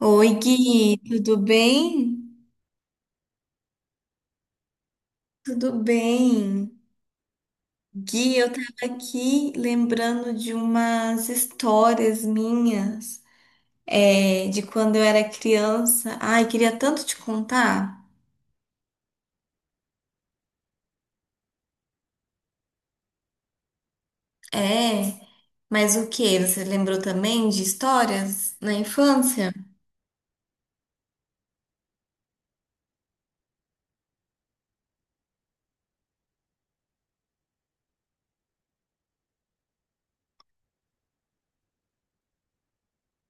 Oi, Gui, tudo bem? Tudo bem. Gui, eu tava aqui lembrando de umas histórias minhas, de quando eu era criança. Ai, queria tanto te contar. É, mas o que? Você lembrou também de histórias na infância?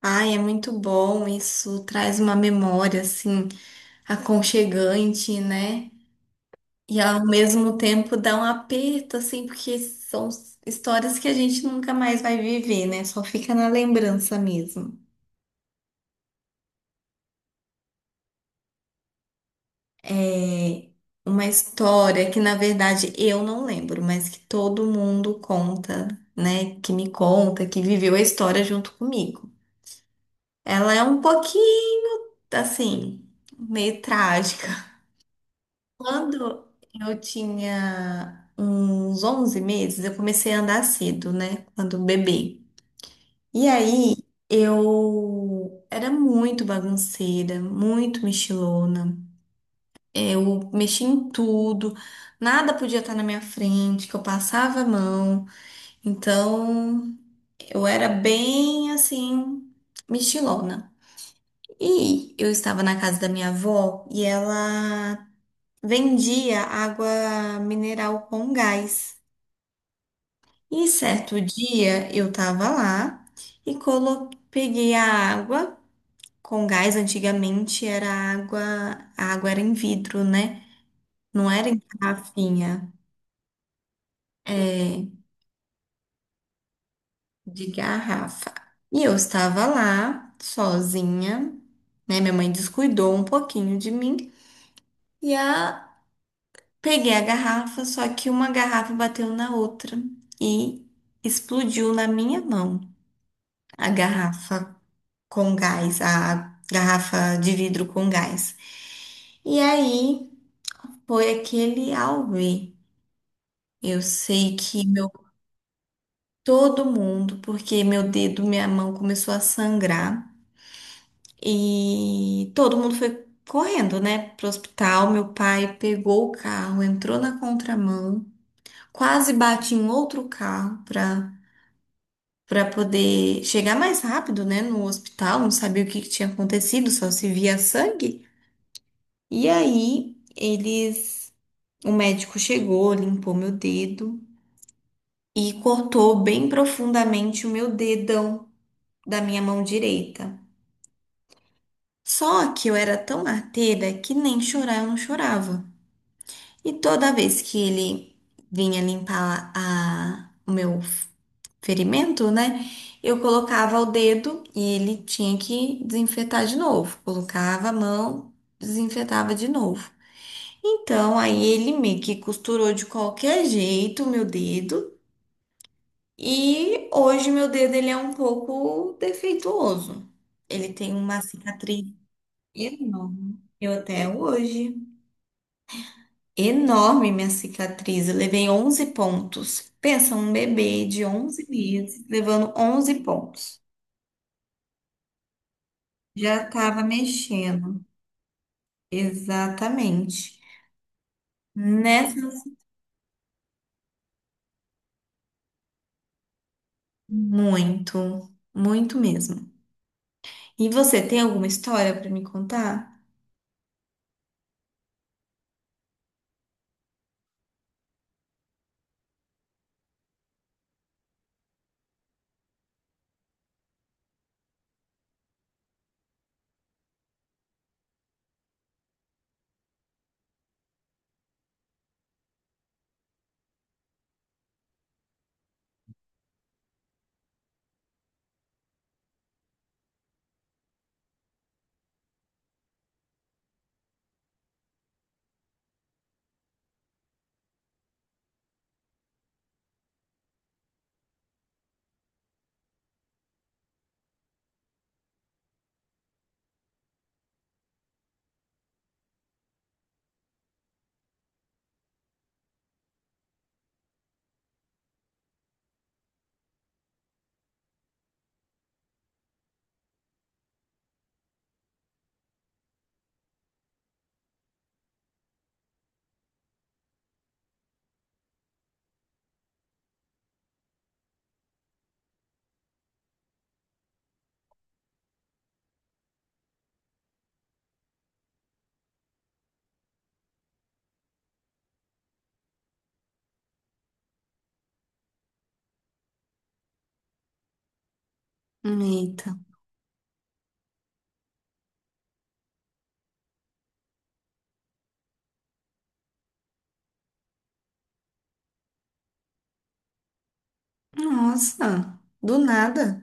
Ai, é muito bom, isso traz uma memória, assim, aconchegante, né? E ao mesmo tempo dá um aperto, assim, porque são histórias que a gente nunca mais vai viver, né? Só fica na lembrança mesmo. É uma história que, na verdade, eu não lembro, mas que todo mundo conta, né? Que me conta, que viveu a história junto comigo. Ela é um pouquinho, assim, meio trágica. Quando eu tinha uns 11 meses, eu comecei a andar cedo, né? Quando bebê. E aí, eu era muito bagunceira, muito mexilona. Eu mexia em tudo, nada podia estar na minha frente, que eu passava a mão. Então, eu era bem assim, mexilona. E eu estava na casa da minha avó e ela vendia água mineral com gás. E certo dia eu estava lá e colo... peguei a água. Com gás, antigamente era água, a água era em vidro, né? Não era em garrafinha, é, de garrafa. E eu estava lá, sozinha, né? Minha mãe descuidou um pouquinho de mim e a... peguei a garrafa, só que uma garrafa bateu na outra e explodiu na minha mão a garrafa com gás, a garrafa de vidro com gás. E aí foi aquele auê. Eu sei que meu todo mundo, porque meu dedo, minha mão começou a sangrar e todo mundo foi correndo, né, pro hospital. Meu pai pegou o carro, entrou na contramão, quase bate em outro carro para poder chegar mais rápido, né, no hospital. Não sabia o que que tinha acontecido, só se via sangue. E aí eles, o médico chegou, limpou meu dedo e cortou bem profundamente o meu dedão da minha mão direita. Só que eu era tão arteira que nem chorar eu não chorava. E toda vez que ele vinha limpar a, o meu ferimento, né? Eu colocava o dedo e ele tinha que desinfetar de novo. Colocava a mão, desinfetava de novo. Então, aí ele meio que costurou de qualquer jeito o meu dedo. E hoje meu dedo ele é um pouco defeituoso. Ele tem uma cicatriz enorme. Eu até hoje. Enorme minha cicatriz. Eu levei 11 pontos. Pensa, um bebê de 11 meses levando 11 pontos. Já tava mexendo. Exatamente. Nessa, muito, muito mesmo. E você tem alguma história para me contar? Eita. Nossa, do nada.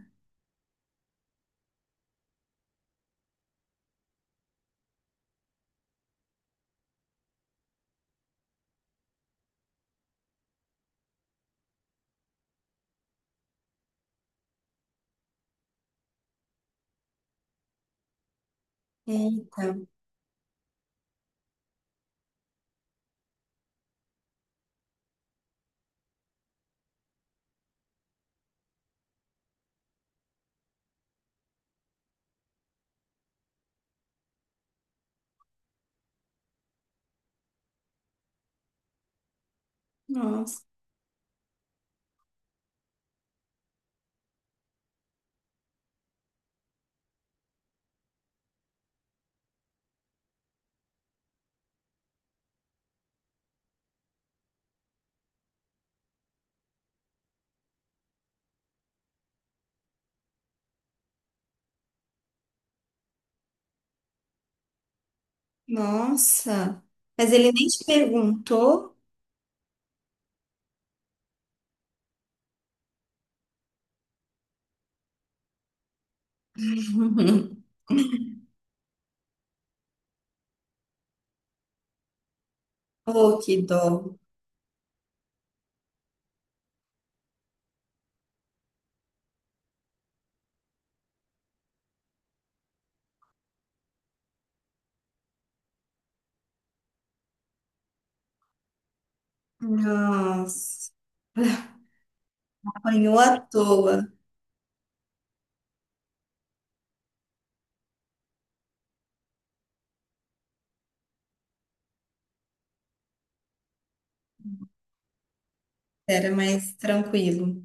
Eita. Nossa. Nossa. Mas ele nem te perguntou. Oh, que dó. Nossa, apanhou à toa. Era mais tranquilo.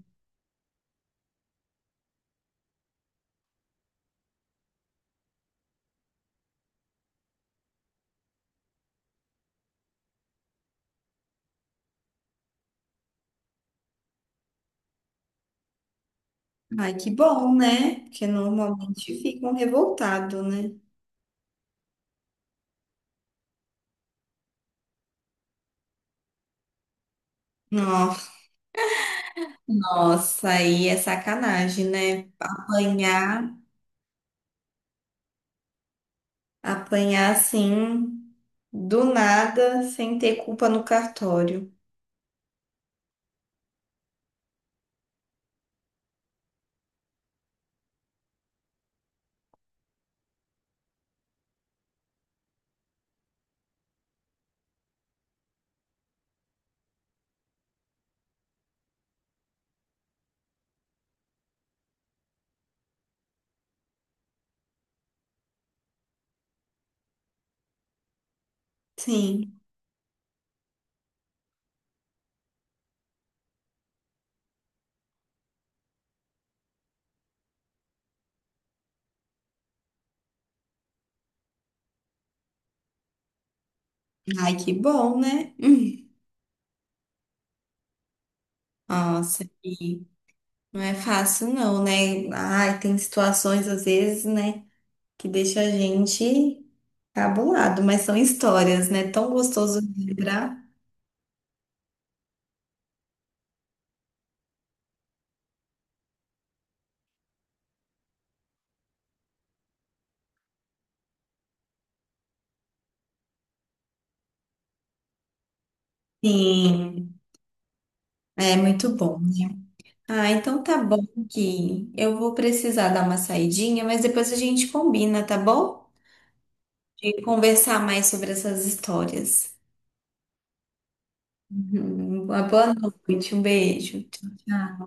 Ai, que bom, né? Porque normalmente ficam revoltados, né? Nossa, nossa, aí é sacanagem, né? Apanhar, apanhar assim, do nada, sem ter culpa no cartório. Sim. Ai, que bom, né? Hum. Nossa, e não é fácil não, né? Ai, tem situações às vezes, né, que deixa a gente cabulado, mas são histórias, né? Tão gostoso de lembrar. Sim, é muito bom, né? Ah, então tá bom que eu vou precisar dar uma saidinha, mas depois a gente combina, tá bom? De conversar mais sobre essas histórias. Uhum, uma boa noite, um beijo. Tchau, tchau.